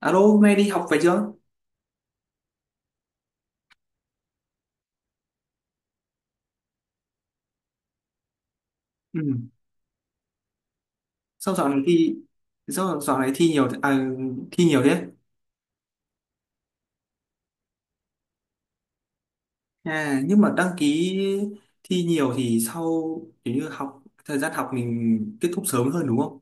Alo, hôm nay đi học về chưa? Ừ. Sao dạo này thi sao dạo này thi nhiều à, thi nhiều thế? À, nhưng mà đăng ký thi nhiều thì sau kiểu như thời gian học mình kết thúc sớm hơn đúng không?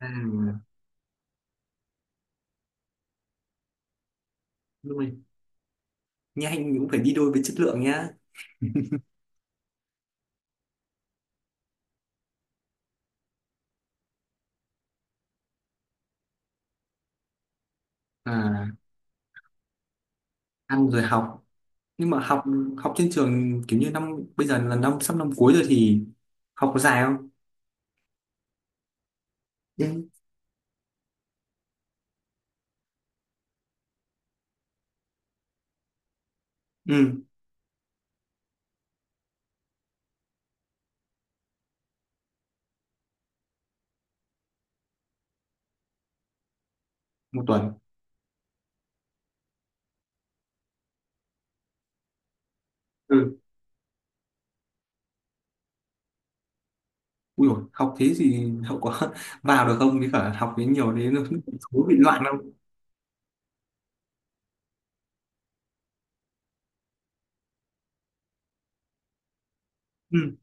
À, đúng rồi. Nhanh cũng phải đi đôi với chất lượng nhá. À, ăn rồi học. Nhưng mà học học trên trường kiểu như năm bây giờ là sắp năm cuối rồi thì học có dài không? Ừ. Ừ, 1 tuần. Ừ. Ui dồi, học thế thì hậu quả vào được không? Với cả học đến nhiều đến nó thú bị loạn không? Ừ,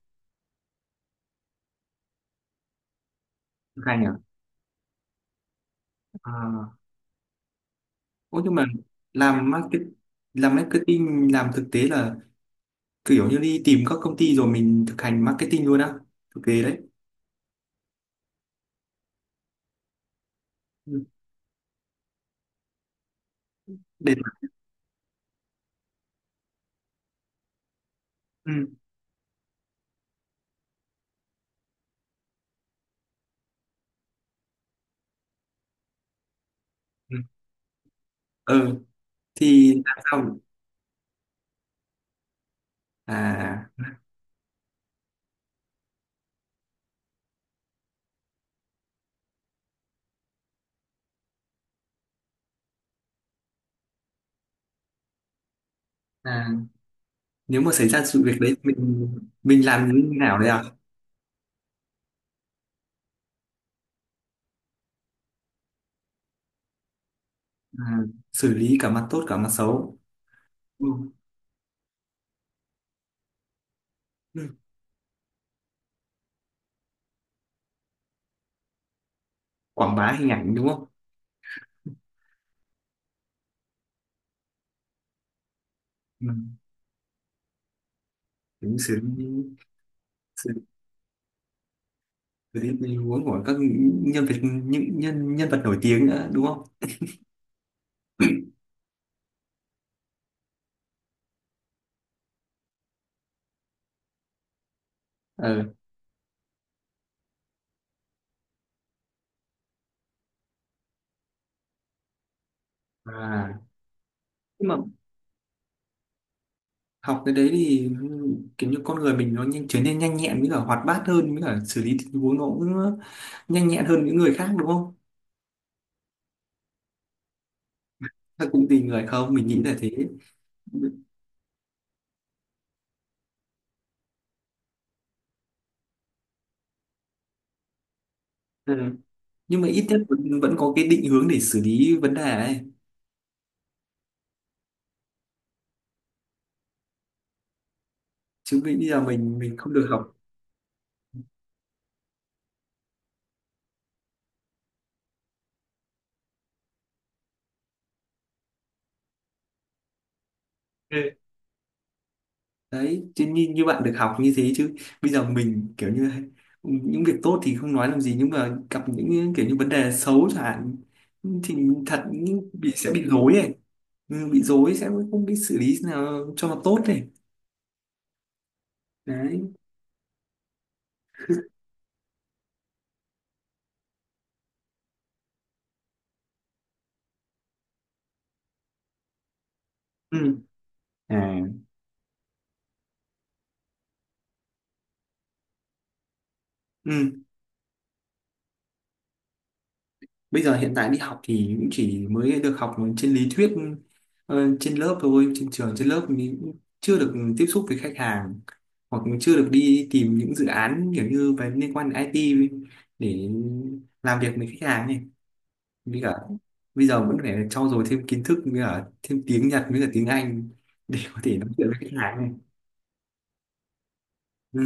hay nhỉ? À, ô, nhưng mà làm market, làm marketing, làm thực tế là kiểu như đi tìm các công ty rồi mình thực hành marketing luôn á. Thực tế đấy. Ừ. Để, ừ. Ừ. Ừ. Thì làm sao? À, à, nếu mà xảy ra sự việc đấy mình làm như thế nào đấy à? À, xử lý cả mặt tốt cả mặt xấu. Ừ. Ừ. Quảng bá hình ảnh đúng không? Ừ. Đúng, xử lý tình huống của các nhân vật, những nhân nhân vật nổi tiếng nữa đúng không? Ờ, à, nhưng mà học cái đấy thì kiểu như con người mình nó nhanh, trở nên nhanh nhẹn với cả hoạt bát hơn, với cả xử lý tình huống nó cũng nhanh nhẹn hơn những người khác đúng không? Hay cũng tùy người không? Mình nghĩ là thế. Ừ. Nhưng mà ít nhất vẫn có cái định hướng để xử lý vấn đề ấy. Chứ bây giờ mình không được học. Đấy, chứ như bạn được học như thế, chứ bây giờ mình kiểu như những việc tốt thì không nói làm gì, nhưng mà gặp những kiểu như vấn đề xấu chẳng hạn thì thật bị sẽ bị rối ấy. Ừ, bị rối sẽ không biết xử lý nào cho nó tốt này. Đấy. Ừ. À. Ừ. Bây giờ hiện tại đi học thì cũng chỉ mới được học trên lý thuyết, trên lớp thôi, trên trường trên lớp mình cũng chưa được tiếp xúc với khách hàng, hoặc chưa được đi tìm những dự án kiểu như về liên quan đến IT để làm việc với khách hàng này, với cả bây giờ vẫn phải trau dồi thêm kiến thức với cả thêm tiếng Nhật với cả tiếng Anh để có thể nói chuyện với khách hàng này. Ừ.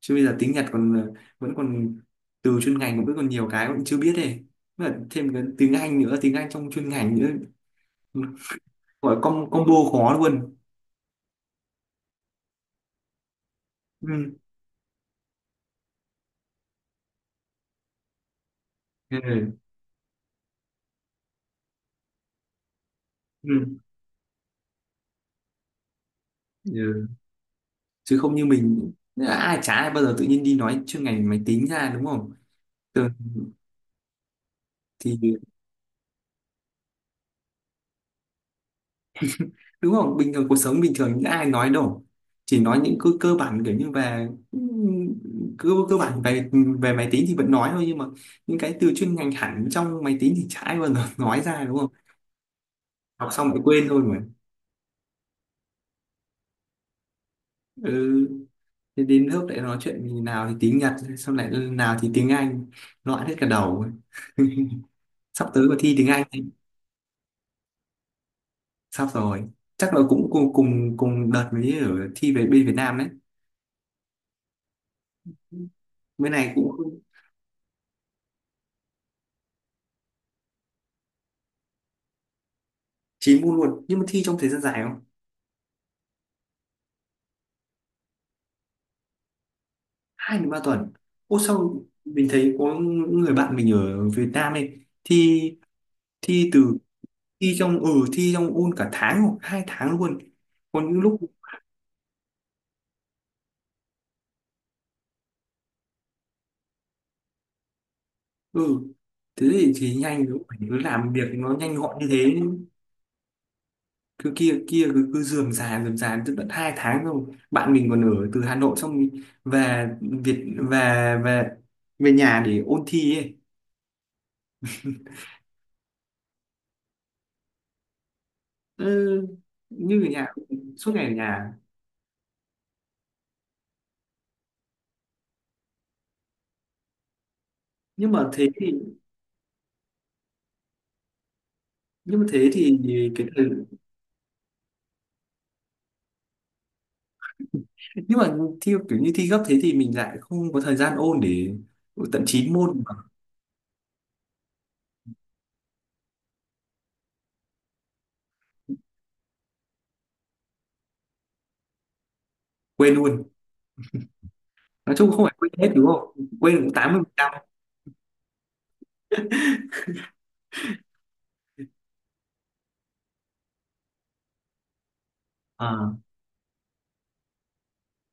Chứ bây giờ tiếng Nhật còn vẫn còn từ chuyên ngành cũng vẫn còn nhiều cái vẫn chưa biết này. Với cả thêm cái tiếng Anh nữa, tiếng Anh trong chuyên ngành nữa. Ừ. Gọi combo khó luôn. Ừ. Ừ. Ừ. Ừ. Chứ không như mình, ai bao giờ tự nhiên đi nói chuyên ngành máy tính ra đúng không. Thường thì đúng không, bình thường cuộc sống bình thường những ai nói đâu, chỉ nói những cơ cơ bản kiểu như về cơ cơ bản về về máy tính thì vẫn nói thôi, nhưng mà những cái từ chuyên ngành hẳn trong máy tính thì chả ai bao giờ nói ra đúng không. Học xong lại quên thôi mà. Ừ. Thế đến lớp lại nói chuyện thì nào thì tiếng Nhật, xong lại nào thì tiếng Anh, loạn hết cả đầu. Sắp tới có thi tiếng Anh. Sắp rồi, chắc là cũng cùng cùng cùng đợt mới ở thi về bên Việt Nam đấy. Bên này cũng 9 môn luôn, nhưng mà thi trong thời gian dài không? 2 đến 3 tuần. Ô, sao mình thấy có những người bạn mình ở Việt Nam ấy, thi thi từ thi trong ừ, thi trong ôn cả tháng hoặc 2 tháng luôn. Còn những lúc ừ thế thì nhanh, lúc phải cứ làm việc nó nhanh gọn như thế, cứ kia kia cứ cứ rườm rà tận tận 2 tháng rồi. Bạn mình còn ở từ Hà Nội xong thì về Việt về về về nhà để ôn thi ấy. Ừ, như ở nhà suốt ngày ở nhà. Nhưng mà thế thì nhưng mà thế thì cái thời, nhưng mà thi kiểu như thi gấp thế thì mình lại không có thời gian ôn để tận 9 môn mà. Quên luôn, nói chung không phải quên hết đúng không, quên cũng 80%. À,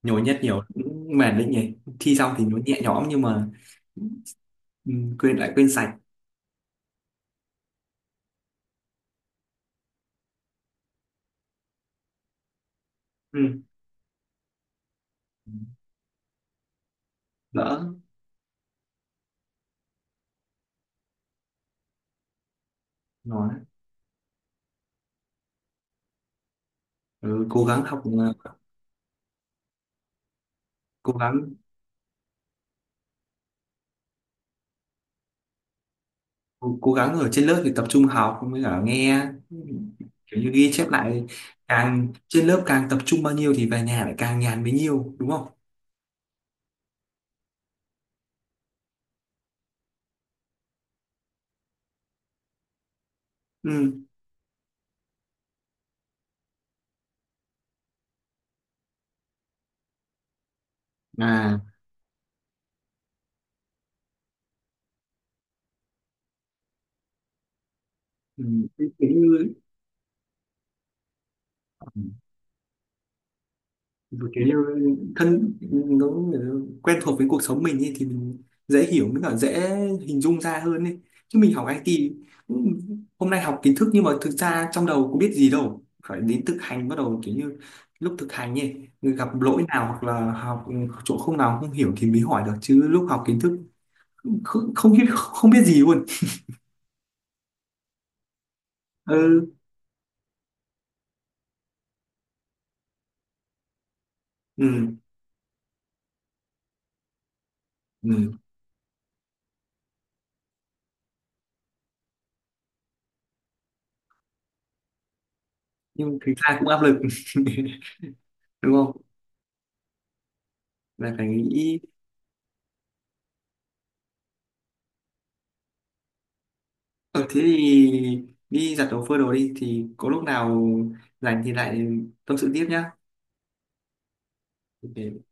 nhồi nhét nhiều cũng mệt đấy nhỉ, thi xong thì nó nhẹ nhõm nhưng mà ừ, quên lại quên sạch. Ừ. Đỡ nói. Ừ, cố gắng học. Ờ, cố gắng cố, cố gắng ở trên lớp thì tập trung học mới cả nghe, kiểu như ghi chép lại. Càng trên lớp càng tập trung bao nhiêu thì về nhà lại càng nhàn bấy nhiêu đúng không? Ừ. À. Ừ. Thế kiểu như một kiểu như thân nó quen thuộc với cuộc sống mình ấy, thì mình dễ hiểu mới cả dễ hình dung ra hơn ấy. Chứ mình học IT cũng- hôm nay học kiến thức nhưng mà thực ra trong đầu có biết gì đâu, phải đến thực hành bắt đầu kiểu như lúc thực hành ấy gặp lỗi nào hoặc là học chỗ không nào không hiểu thì mới hỏi được, chứ lúc học kiến thức không không biết không biết gì luôn. Ừ, ừ, ừ. Nhưng thực ra cũng áp lực đúng không, là phải nghĩ. Ừ, thế thì đi giặt đồ phơi đồ đi thì có lúc nào rảnh thì lại tâm sự tiếp nhá. Ok.